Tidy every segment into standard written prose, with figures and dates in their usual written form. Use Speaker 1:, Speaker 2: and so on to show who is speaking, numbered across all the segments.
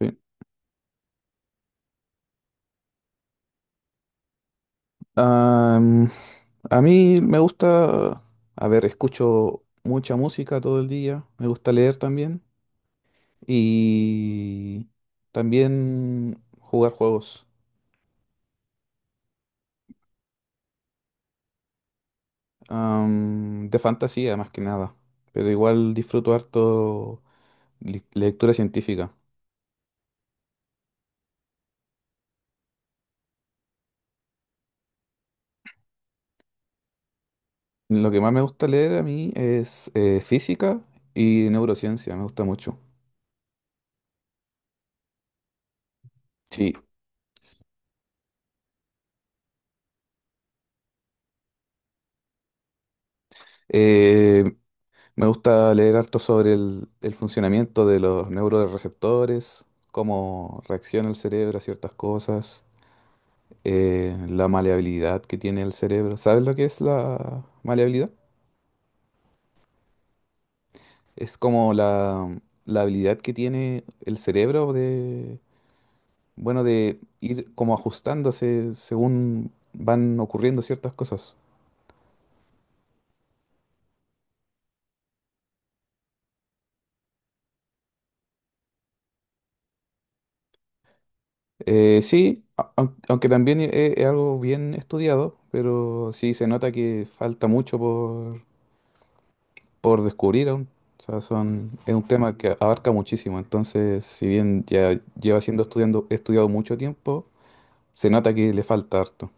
Speaker 1: Sí. Am, a mí me gusta, a ver, escucho mucha música todo el día, me gusta leer también y también jugar juegos de fantasía más que nada, pero igual disfruto harto lectura científica. Lo que más me gusta leer a mí es física y neurociencia, me gusta mucho. Sí. Eh, Me gusta leer harto sobre el funcionamiento de los neuroreceptores, cómo reacciona el cerebro a ciertas cosas, la maleabilidad que tiene el cerebro. ¿Sabes lo que es la maleabilidad? Es como la habilidad que tiene el cerebro de, bueno, de ir como ajustándose según van ocurriendo ciertas cosas. Sí, aunque también es algo bien estudiado, pero sí se nota que falta mucho por descubrir aún. O sea, es un tema que abarca muchísimo. Entonces, si bien ya lleva siendo estudiado mucho tiempo, se nota que le falta harto.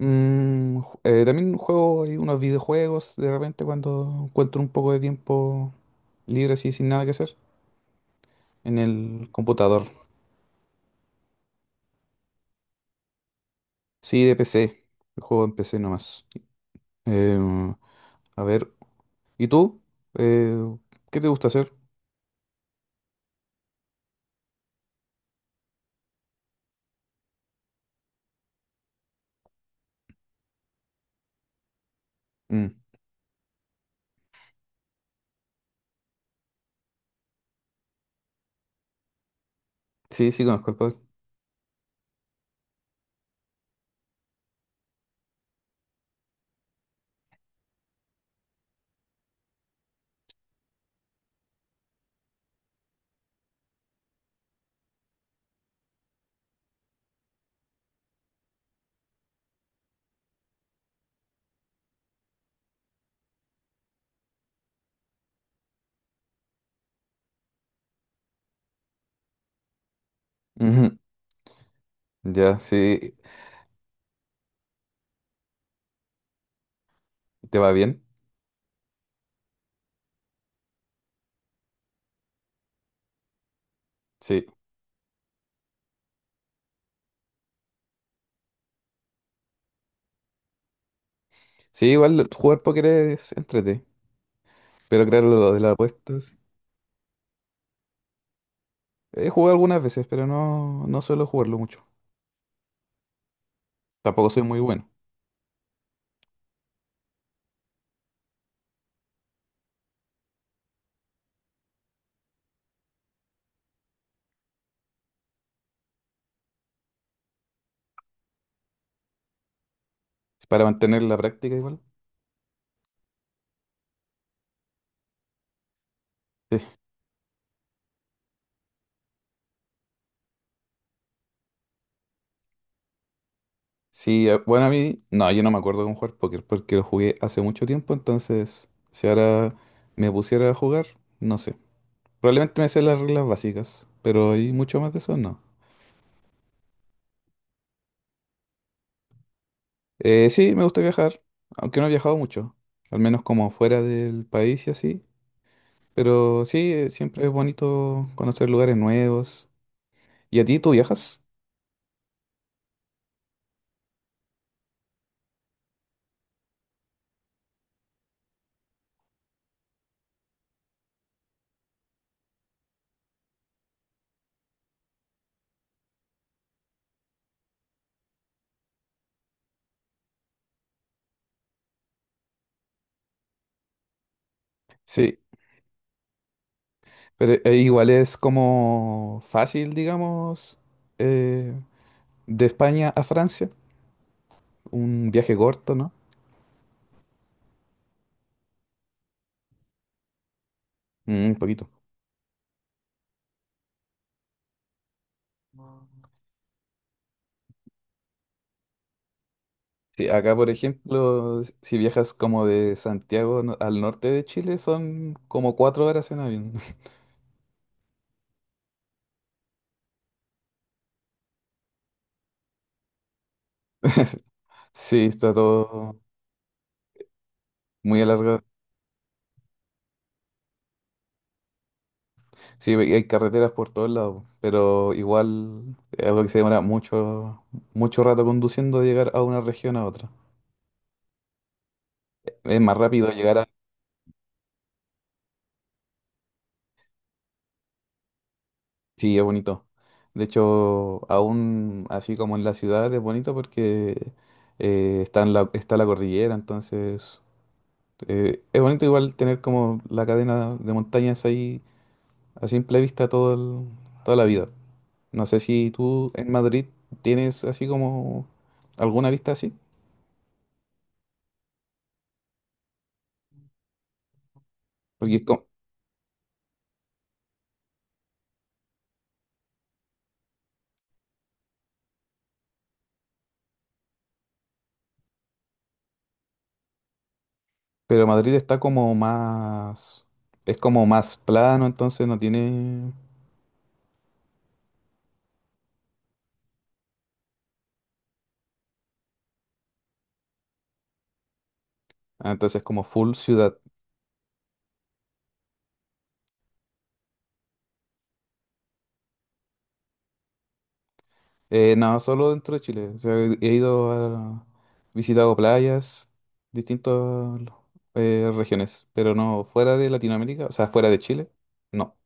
Speaker 1: También juego ahí unos videojuegos de repente cuando encuentro un poco de tiempo libre así sin nada que hacer en el computador. Sí, de PC. El juego en PC nomás. Em, a ver, ¿y tú? Eh, ¿Qué te gusta hacer? Mm, sí, sí, conozco el padre. Ujú. Ya, sí. ¿Te va bien? Sí. Sí, igual jugar póker es entrete, pero claro, lo de las apuestas. He jugado algunas veces, pero no suelo jugarlo mucho. Tampoco soy muy bueno. Es para mantener la práctica igual. Sí, sí, bueno, a mí, no, yo no me acuerdo con jugar póker porque lo jugué hace mucho tiempo, entonces si ahora me pusiera a jugar, no sé. Probablemente me sé las reglas básicas, pero hay mucho más de eso, no. Sí, me gusta viajar, aunque no he viajado mucho, al menos como fuera del país y así. Pero sí, siempre es bonito conocer lugares nuevos. ¿Y a ti tú viajas? Sí, pero igual es como fácil, digamos, eh, de España a Francia, un viaje corto, ¿no? Mm, un poquito. Sí, acá, por ejemplo, si viajas como de Santiago al norte de Chile, son como 4 horas en avión. Sí, está todo muy alargado. Sí, y hay carreteras por todos lados, pero igual es algo que se demora mucho, mucho rato conduciendo de llegar a una región a otra. Es más rápido llegar a… Sí, es bonito. De hecho, aún así como en la ciudad es bonito porque en está la cordillera, entonces es bonito igual tener como la cadena de montañas ahí a simple vista toda la vida. No sé si tú en Madrid tienes así como alguna vista así. Porque es co- Pero Madrid está como más, es como más plano, entonces no tiene, ah, entonces es como full ciudad. No, solo dentro de Chile. O sea, he ido a, visitado playas, distintas regiones, pero no fuera de Latinoamérica, o sea, fuera de Chile, no.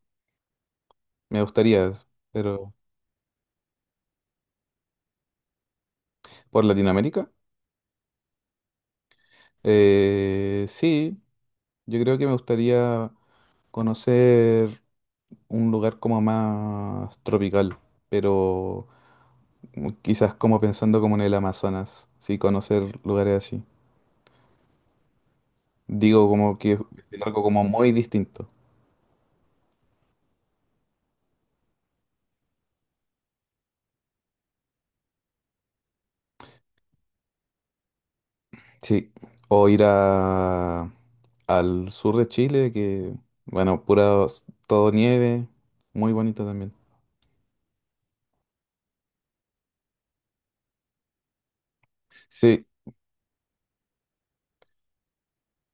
Speaker 1: Me gustaría, pero por Latinoamérica, sí, yo creo que me gustaría conocer un lugar como más tropical, pero quizás como pensando como en el Amazonas, sí, conocer lugares así. Digo como que es algo como muy distinto. Sí, o ir al sur de Chile, que, bueno, pura, todo nieve, muy bonito también. Sí,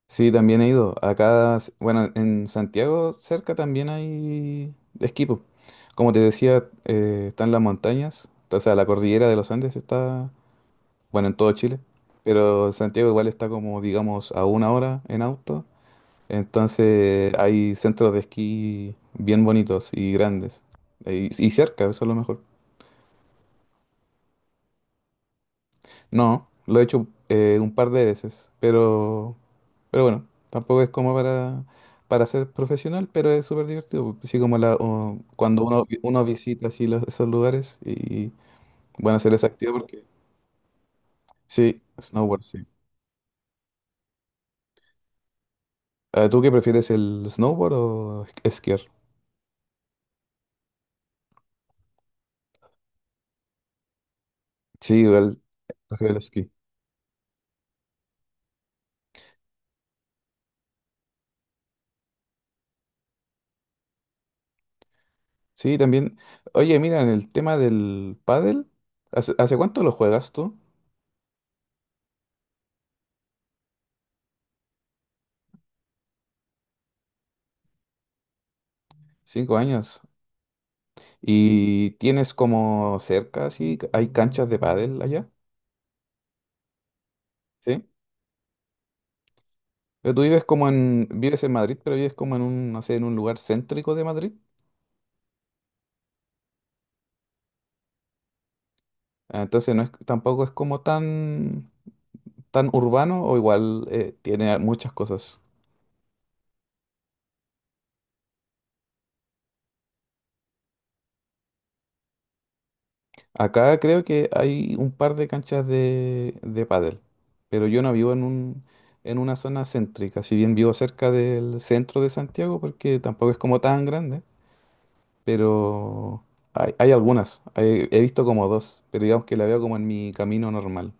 Speaker 1: sí, también he ido. Acá, bueno, en Santiago cerca también hay esquí, po. Como te decía, están las montañas, o sea, la cordillera de los Andes está bueno, en todo Chile, pero Santiago igual está como, digamos, a 1 hora en auto, entonces hay centros de esquí bien bonitos y grandes, y cerca, eso es lo mejor. No, lo he hecho un par de veces, pero bueno, tampoco es como para ser profesional, pero es súper divertido, así como o cuando uno visita así esos lugares y bueno, hacer esa actividad porque… Sí, snowboard, sí. Ah, ¿tú qué prefieres, el snowboard o esquiar? Sí, igual. Hacer el esquí. Sí, también. Oye, mira, en el tema del pádel, hace cuánto lo juegas tú? 5 años. ¿Y tienes como cerca, así, hay canchas de pádel allá? Sí. Pero tú vives vives en Madrid, pero vives como en un, no sé, en un lugar céntrico de Madrid. Ah, entonces no es, tampoco es como tan, tan urbano o igual tiene muchas cosas. Acá creo que hay un par de canchas de pádel, pero yo no vivo en una zona céntrica, si bien vivo cerca del centro de Santiago, porque tampoco es como tan grande, pero hay algunas, he visto como dos, pero digamos que la veo como en mi camino normal.